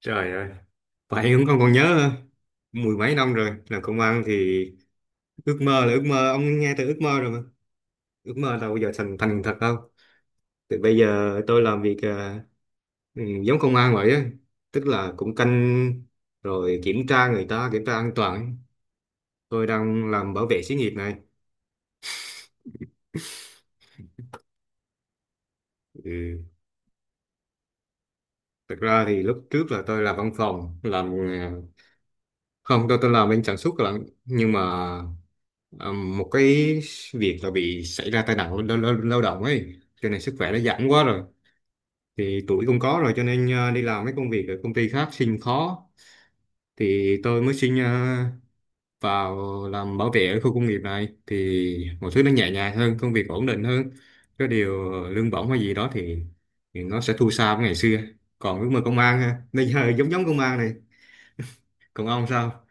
Trời ơi, vậy cũng con còn nhớ hả? Mười mấy năm rồi làm công an thì ước mơ là ước mơ, ông nghe từ ước mơ rồi mà ước mơ đâu bao giờ thành thành thật đâu. Thì bây giờ tôi làm việc giống công an vậy á, tức là cũng canh rồi kiểm tra, người ta kiểm tra an toàn. Tôi đang làm bảo vệ xí nghiệp này. Ừ. Thực ra thì lúc trước là tôi làm văn phòng, làm không, tôi làm bên sản xuất lận, nhưng mà ờ, một cái việc là bị xảy ra tai nạn lao động ấy, cho nên sức khỏe nó giảm quá rồi. Thì tuổi cũng có rồi, cho nên đi làm mấy công việc ở công ty khác xin khó, thì tôi mới xin vào làm bảo vệ ở khu công nghiệp này, thì mọi thứ nó nhẹ nhàng hơn, công việc ổn định hơn. Cái điều lương bổng hay gì đó thì nó sẽ thua xa với ngày xưa. Còn ước mơ công an ha, bây giờ giống giống công an này. Còn ông sao?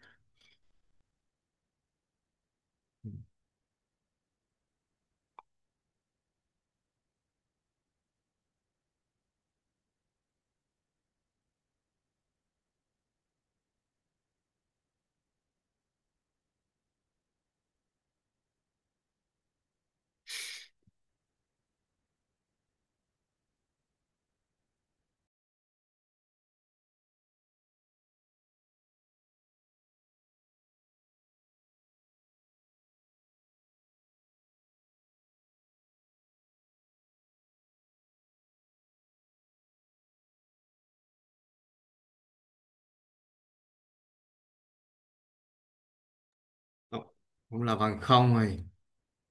Ông ông làm hàng không rồi,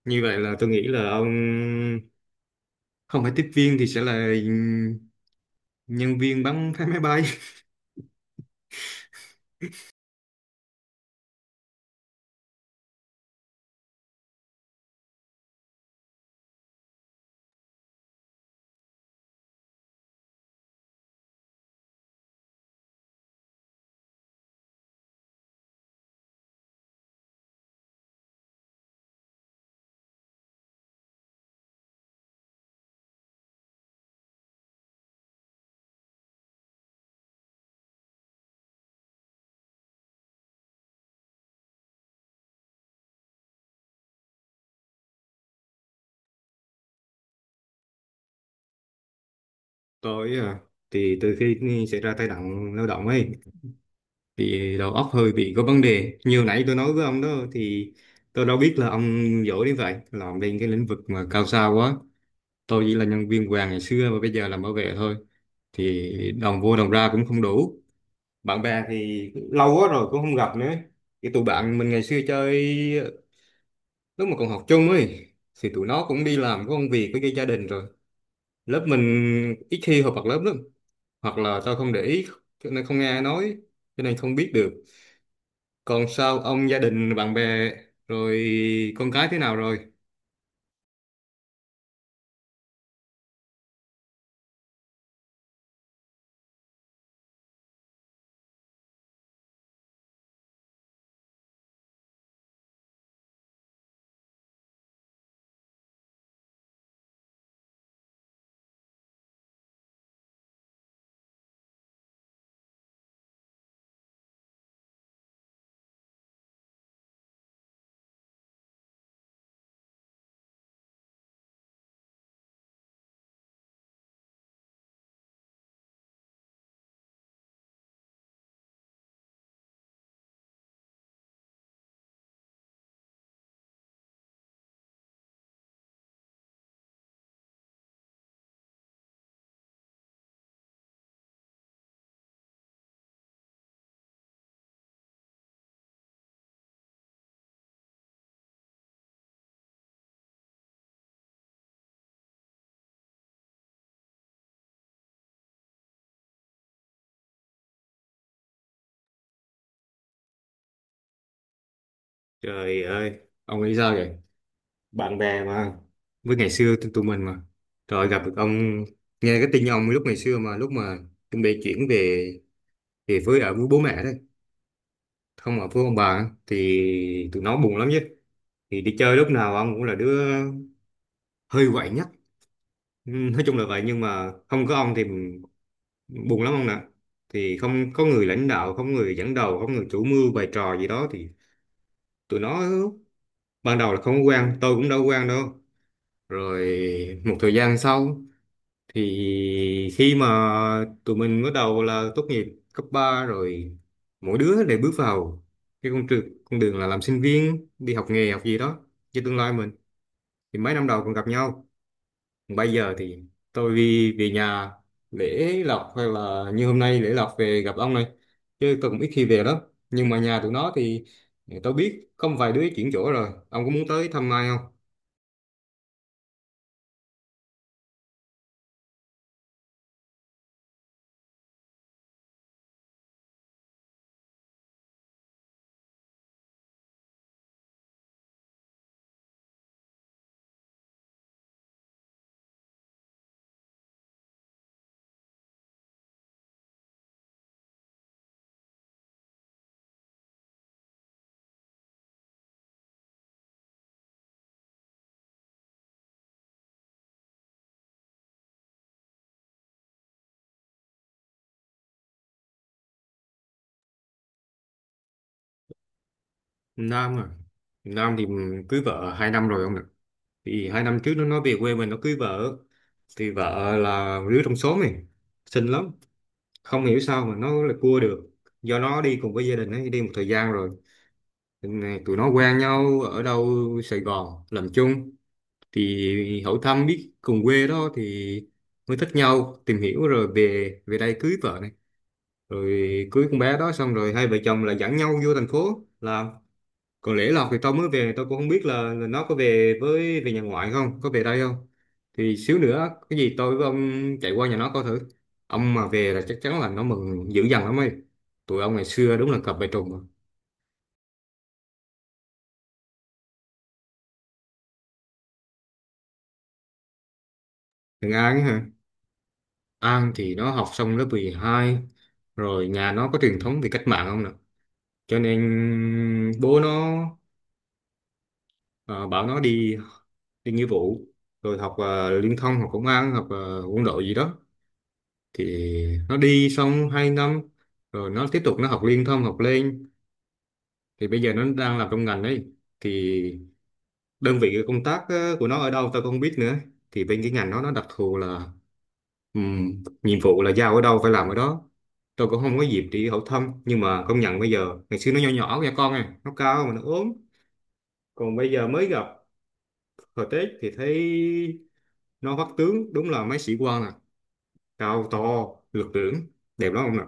như vậy là tôi nghĩ là ông không phải tiếp viên thì sẽ là nhân viên bắn phá máy bay. Tôi à, thì từ khi xảy ra tai nạn lao động ấy thì đầu óc hơi bị có vấn đề, như nãy tôi nói với ông đó. Thì tôi đâu biết là ông giỏi đến vậy, làm bên cái lĩnh vực mà cao xa quá. Tôi chỉ là nhân viên vàng ngày xưa và bây giờ làm bảo vệ thôi, thì đồng vô đồng ra cũng không đủ. Bạn bè thì lâu quá rồi cũng không gặp nữa. Cái tụi bạn mình ngày xưa chơi lúc mà còn học chung ấy thì tụi nó cũng đi làm, có công việc với cái gia đình rồi. Lớp mình ít khi họp mặt lớp lắm. Hoặc là tao không để ý cho nên không nghe ai nói, cho nên không biết được. Còn sao ông, gia đình bạn bè rồi con cái thế nào rồi? Trời ơi, ông nghĩ sao vậy? Bạn bè mà, với ngày xưa tụi tụi mình mà. Rồi gặp được ông, nghe cái tin ông lúc ngày xưa mà lúc mà chuẩn bị chuyển về về với ở với bố mẹ đấy, không, ở với ông bà á, thì tụi nó buồn lắm chứ. Thì đi chơi lúc nào ông cũng là đứa hơi quậy nhất. Ừ, nói chung là vậy, nhưng mà không có ông thì buồn lắm ông nè. Thì không có người lãnh đạo, không người dẫn đầu, không người chủ mưu bày trò gì đó thì tụi nó ban đầu là không có quan, tôi cũng đâu có quan đâu. Rồi một thời gian sau, thì khi mà tụi mình bắt đầu là tốt nghiệp cấp 3 rồi, mỗi đứa đều bước vào cái con đường là làm sinh viên, đi học nghề, học gì đó cho tương lai mình, thì mấy năm đầu còn gặp nhau. Bây giờ thì tôi đi về nhà lễ lộc, hay là như hôm nay lễ lộc về gặp ông này, chứ tôi cũng ít khi về lắm. Nhưng mà nhà tụi nó thì tôi biết có một vài đứa chuyển chỗ rồi. Ông có muốn tới thăm ai không? Nam à, Nam thì cưới vợ 2 năm rồi ông ạ. Thì 2 năm trước nó nói về quê mình nó cưới vợ. Thì vợ là đứa trong xóm này, xinh lắm, không hiểu sao mà nó lại cua được. Do nó đi cùng với gia đình ấy đi một thời gian rồi, nên là tụi nó quen nhau ở đâu Sài Gòn làm chung, thì hỏi thăm biết cùng quê đó, thì mới thích nhau tìm hiểu rồi về, về đây cưới vợ này, rồi cưới con bé đó xong rồi hai vợ chồng là dẫn nhau vô thành phố làm. Còn lễ lộc thì tao mới về, tao cũng không biết là nó có về với về nhà ngoại không, có về đây không. Thì xíu nữa cái gì tôi với ông chạy qua nhà nó coi thử. Ông mà về là chắc chắn là nó mừng dữ dằn lắm ấy. Tụi ông ngày xưa đúng là cặp vợ chồng mà. Thằng An ấy hả, An thì nó học xong lớp 12 rồi. Nhà nó có truyền thống về cách mạng không nè, cho nên bố nó ờ, bảo nó đi, đi nghĩa vụ, rồi học liên thông, học công an, học quân đội gì đó. Thì nó đi xong 2 năm rồi nó tiếp tục, nó học liên thông, học lên. Thì bây giờ nó đang làm trong ngành đấy. Thì đơn vị công tác của nó ở đâu tao không biết nữa. Thì bên cái ngành nó đặc thù là nhiệm vụ là giao ở đâu phải làm ở đó. Tôi cũng không có dịp đi hỏi thăm, nhưng mà công nhận bây giờ, ngày xưa nó nhỏ nhỏ nha con à, nó cao mà nó ốm. Còn bây giờ mới gặp, hồi Tết thì thấy nó vắt tướng đúng là mấy sĩ quan nè, cao to, lực lưỡng, đẹp lắm ông nè.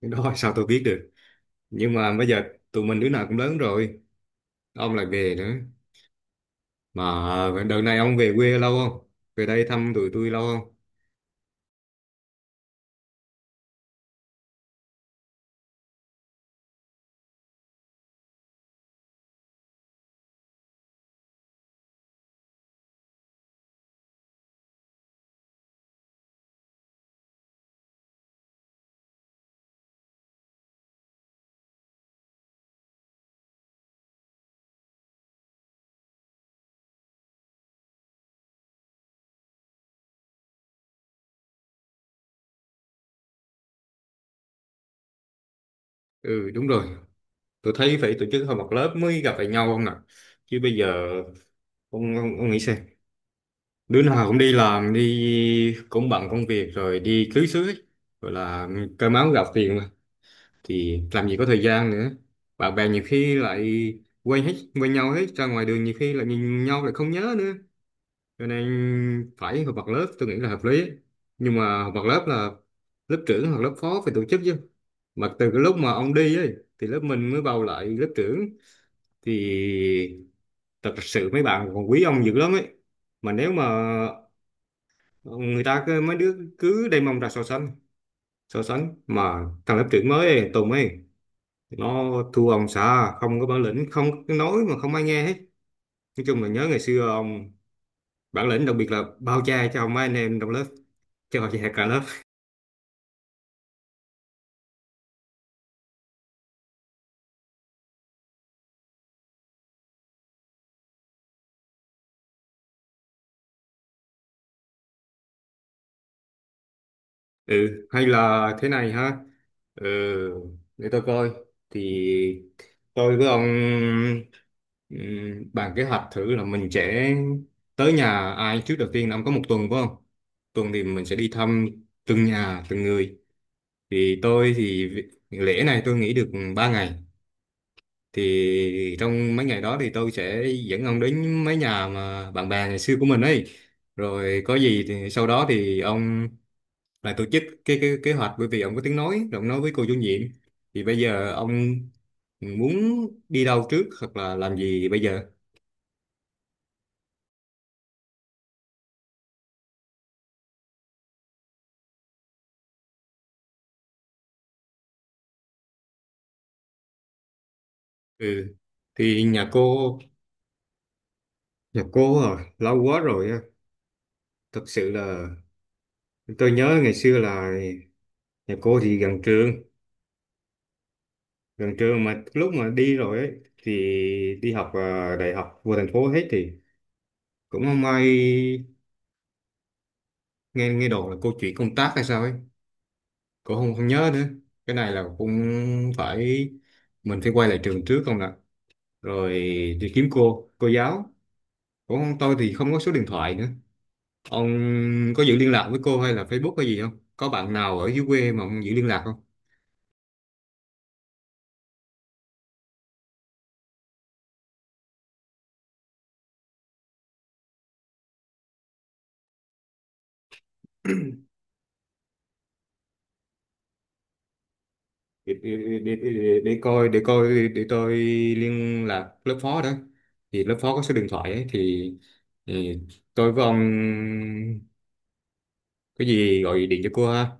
Cái đó sao tôi biết được. Nhưng mà bây giờ tụi mình đứa nào cũng lớn rồi, ông lại về nữa. Mà đợt này ông về quê lâu không? Về đây thăm tụi tôi lâu không? Ừ đúng rồi, tôi thấy phải tổ chức họp mặt lớp mới gặp lại nhau ông nè. Chứ bây giờ ông, nghĩ xem, đứa nào cũng đi làm, đi cũng bận công việc rồi đi cưới xứ ấy. Gọi là cơm áo gạo tiền thì làm gì có thời gian nữa, bạn bè nhiều khi lại quên hết, quên nhau hết, ra ngoài đường nhiều khi lại nhìn nhau lại không nhớ nữa, cho nên phải họp mặt lớp tôi nghĩ là hợp lý. Nhưng mà họp mặt lớp là lớp trưởng hoặc lớp phó phải tổ chức chứ. Mà từ cái lúc mà ông đi ấy thì lớp mình mới bầu lại lớp trưởng. Thì thật sự mấy bạn còn quý ông dữ lắm ấy. Mà nếu mà người ta cứ, mấy đứa cứ đem mông ra so sánh, mà thằng lớp trưởng mới ấy, Tùng ấy, nó thua ông xã, không có bản lĩnh, không có nói mà không ai nghe hết. Nói chung là nhớ ngày xưa ông bản lĩnh, đặc biệt là bao che cho mấy anh em trong lớp, cho che cả lớp. Ừ hay là thế này ha. Ừ, để tôi coi, thì tôi với ông bàn kế hoạch thử là mình sẽ tới nhà ai trước đầu tiên. Ông có một tuần phải không? Tuần thì mình sẽ đi thăm từng nhà, từng người. Thì tôi thì lễ này tôi nghỉ được 3 ngày, thì trong mấy ngày đó thì tôi sẽ dẫn ông đến mấy nhà mà bạn bè ngày xưa của mình ấy. Rồi có gì thì sau đó thì ông lại tổ chức cái kế hoạch, bởi vì ông có tiếng nói rồi, ông nói với cô chủ nhiệm. Thì bây giờ ông muốn đi đâu trước hoặc là làm gì bây giờ? Ừ, thì nhà cô à lâu quá rồi á. Thật sự là tôi nhớ ngày xưa là nhà cô thì gần trường, gần trưa mà lúc mà đi rồi ấy, thì đi học, à, đại học vô thành phố hết, thì cũng không may nghe nghe đồn là cô chuyển công tác hay sao ấy, cũng không không nhớ nữa. Cái này là cũng phải, mình phải quay lại trường trước không ạ? Rồi đi kiếm cô giáo, cũng tôi thì không có số điện thoại nữa. Ông có giữ liên lạc với cô hay là Facebook hay gì không? Có bạn nào ở dưới quê mà ông giữ liên lạc không? Để coi, để tôi liên lạc lớp phó đó, thì lớp phó có số điện thoại ấy, thì tôi với ông có gì gọi điện cho cô ha.